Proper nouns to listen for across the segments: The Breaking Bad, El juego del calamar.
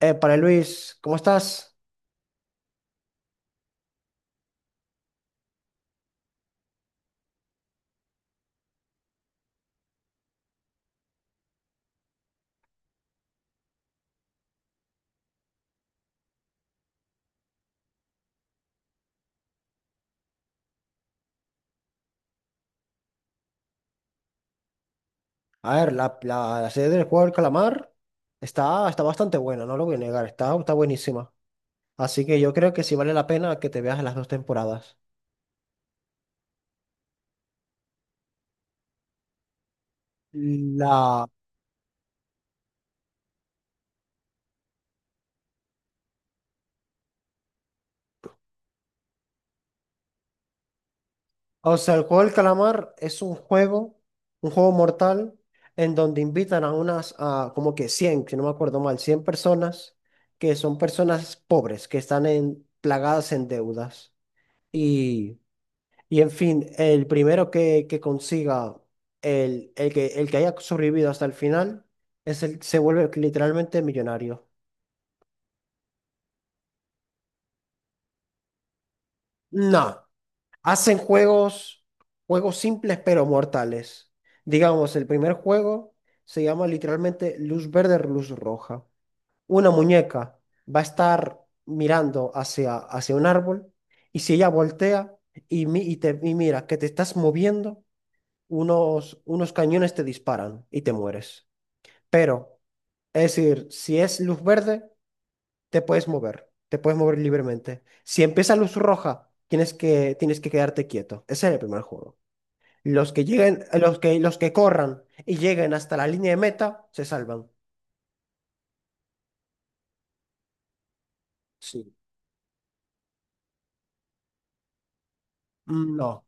Para Luis, ¿cómo estás? A ver, la serie del juego del calamar está bastante buena, no lo voy a negar, está buenísima. Así que yo creo que sí vale la pena que te veas las dos temporadas. La, o sea, el juego del calamar es un juego mortal, en donde invitan a unas, a como que 100, si no me acuerdo mal, 100 personas, que son personas pobres, que están en, plagadas en deudas. Y Y en fin, el primero que consiga, el que haya sobrevivido hasta el final, es el, se vuelve literalmente millonario. No, hacen juegos, juegos simples pero mortales. Digamos, el primer juego se llama literalmente Luz Verde, Luz Roja. Una muñeca va a estar mirando hacia un árbol y si ella voltea y mira que te estás moviendo, unos cañones te disparan y te mueres. Pero, es decir, si es luz verde, te puedes mover libremente. Si empieza luz roja, tienes que quedarte quieto. Ese es el primer juego. Los que lleguen, los que corran y lleguen hasta la línea de meta, se salvan. Sí. No,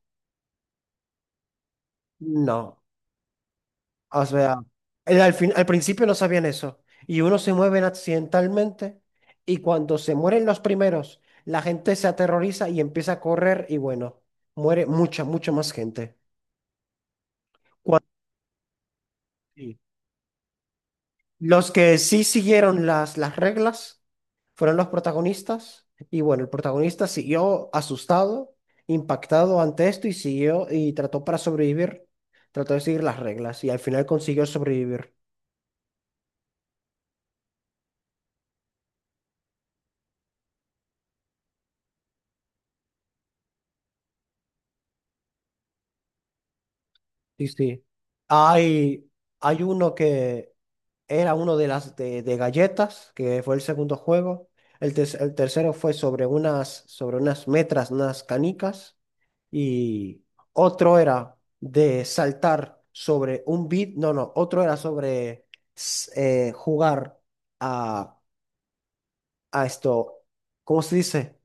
no. O sea, al principio no sabían eso. Y unos se mueven accidentalmente. Y cuando se mueren los primeros, la gente se aterroriza y empieza a correr. Y bueno, muere mucha más gente. Cuando, sí. Los que sí siguieron las reglas fueron los protagonistas. Y bueno, el protagonista siguió asustado, impactado ante esto y siguió y trató para sobrevivir. Trató de seguir las reglas y al final consiguió sobrevivir. Sí, sí. Hay, hay uno que era uno de galletas, que fue el segundo juego. El tercero fue sobre sobre unas metras, unas canicas. Y otro era de saltar sobre un beat, no, no, otro era sobre jugar a, a esto, ¿cómo se dice?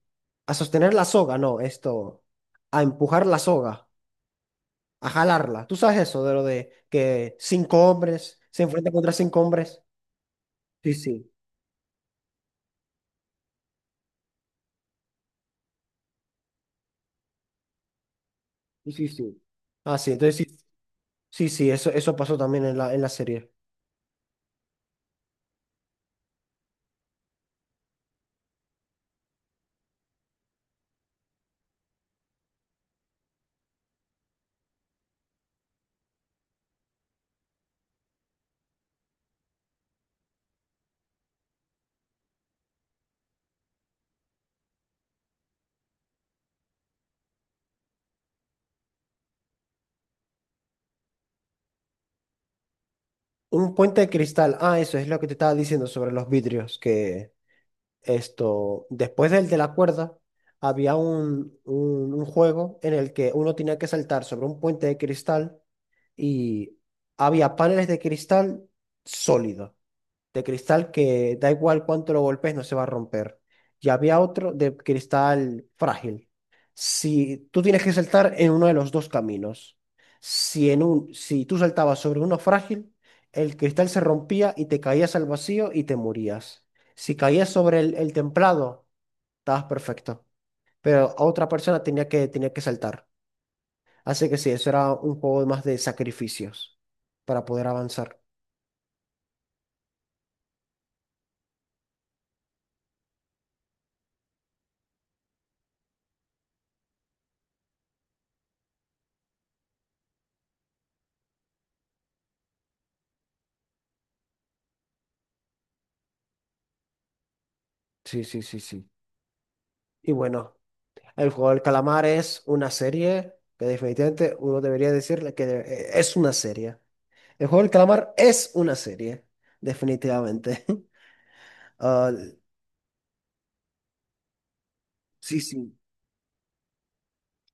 A sostener la soga, no, esto, a empujar la soga, a jalarla. ¿Tú sabes eso de lo de que cinco hombres se enfrentan contra cinco hombres? Sí, sí, sí, sí, sí. Ah, sí, entonces sí, eso, eso pasó también en la serie. Un puente de cristal, ah, eso es lo que te estaba diciendo sobre los vidrios, que... Esto, después del de la cuerda, había un juego en el que uno tenía que saltar sobre un puente de cristal y había paneles de cristal sólido de cristal que da igual cuánto lo golpes, no se va a romper. Y había otro de cristal frágil. Si tú tienes que saltar en uno de los dos caminos, si tú saltabas sobre uno frágil, el cristal se rompía y te caías al vacío y te morías. Si caías sobre el templado, estabas perfecto, pero a otra persona tenía que saltar. Así que sí, eso era un juego más de sacrificios para poder avanzar. Sí, sí, sí, sí. Y bueno. El juego del calamar es una serie que definitivamente uno debería decirle que es una serie. El juego del calamar es una serie, definitivamente. Ah, sí, sí.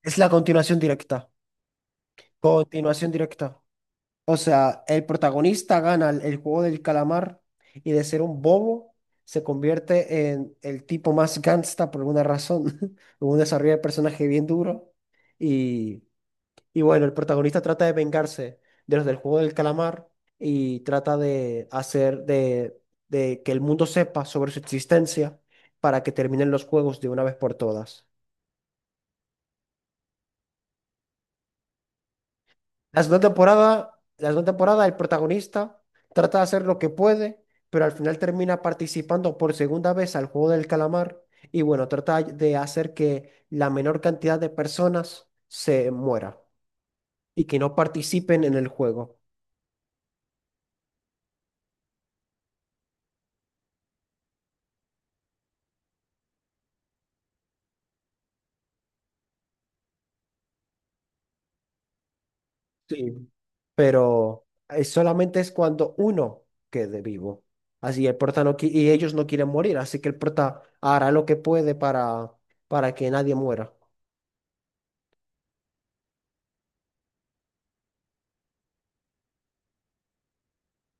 Es la continuación directa. Continuación directa. O sea, el protagonista gana el juego del calamar y de ser un bobo se convierte en el tipo más gangsta por alguna razón, en un desarrollo de personaje bien duro. Y Y bueno, el protagonista trata de vengarse de los del juego del calamar y trata de de que el mundo sepa sobre su existencia para que terminen los juegos de una vez por todas. La segunda temporada, el protagonista trata de hacer lo que puede, pero al final termina participando por segunda vez al juego del calamar y bueno, trata de hacer que la menor cantidad de personas se muera y que no participen en el juego. Sí. Solamente es cuando uno quede vivo. Así el prota no qui- y ellos no quieren morir, así que el prota hará lo que puede para que nadie muera.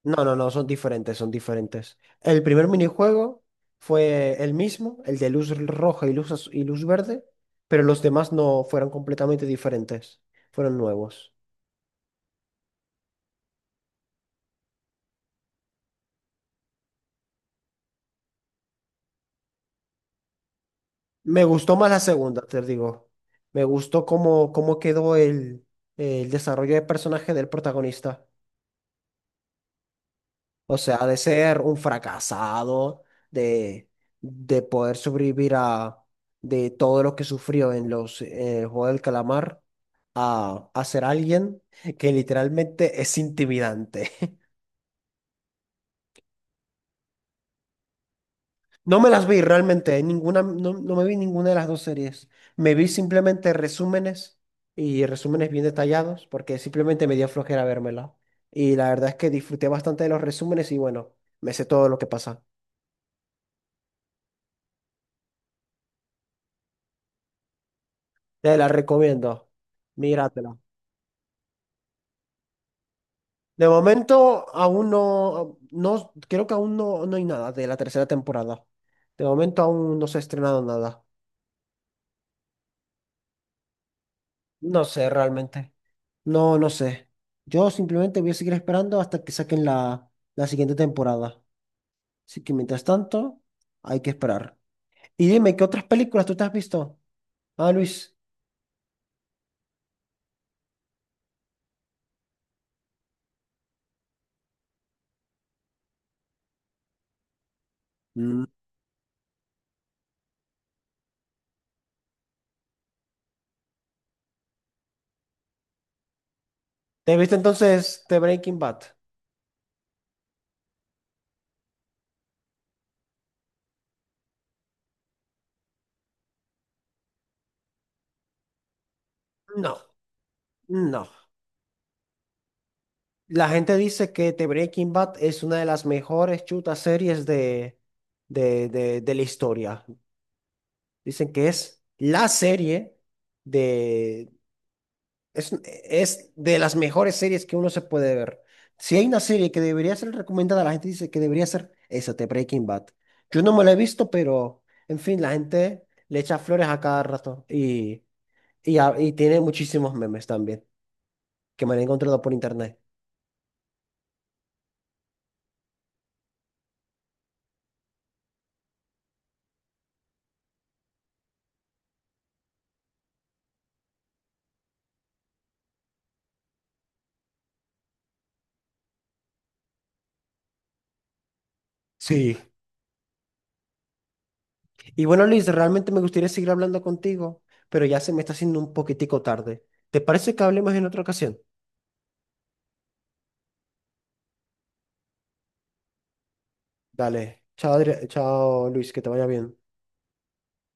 No, no, no, son diferentes, son diferentes. El primer minijuego fue el mismo, el de luz roja y luz verde, pero los demás no fueron completamente diferentes, fueron nuevos. Me gustó más la segunda, te digo. Me gustó cómo quedó el desarrollo de personaje del protagonista. O sea, de ser un fracasado, de, de poder sobrevivir a de todo lo que sufrió en el juego del calamar, a ser alguien que literalmente es intimidante. No me las vi realmente, ninguna, no me vi ninguna de las dos series. Me vi simplemente resúmenes y resúmenes bien detallados, porque simplemente me dio flojera vérmela. Y la verdad es que disfruté bastante de los resúmenes y bueno, me sé todo lo que pasa. Te la recomiendo. Míratela. De momento, aún no, no, creo que aún no hay nada de la tercera temporada. De momento aún no se ha estrenado nada. No sé realmente. No, no sé. Yo simplemente voy a seguir esperando hasta que saquen la siguiente temporada. Así que mientras tanto, hay que esperar. Y dime, ¿qué otras películas tú te has visto? Ah, Luis. Mm. ¿Te viste entonces The Breaking Bad? No, no. La gente dice que The Breaking Bad es una de las mejores chutas series de la historia. Dicen que es la serie de... es de las mejores series que uno se puede ver. Si hay una serie que debería ser recomendada, la gente dice que debería ser esa, The Breaking Bad. Yo no me la he visto, pero en fin, la gente le echa flores a cada rato y tiene muchísimos memes también que me han encontrado por internet. Sí. Y bueno, Luis, realmente me gustaría seguir hablando contigo, pero ya se me está haciendo un poquitico tarde. ¿Te parece que hablemos en otra ocasión? Dale, chao Luis, que te vaya bien.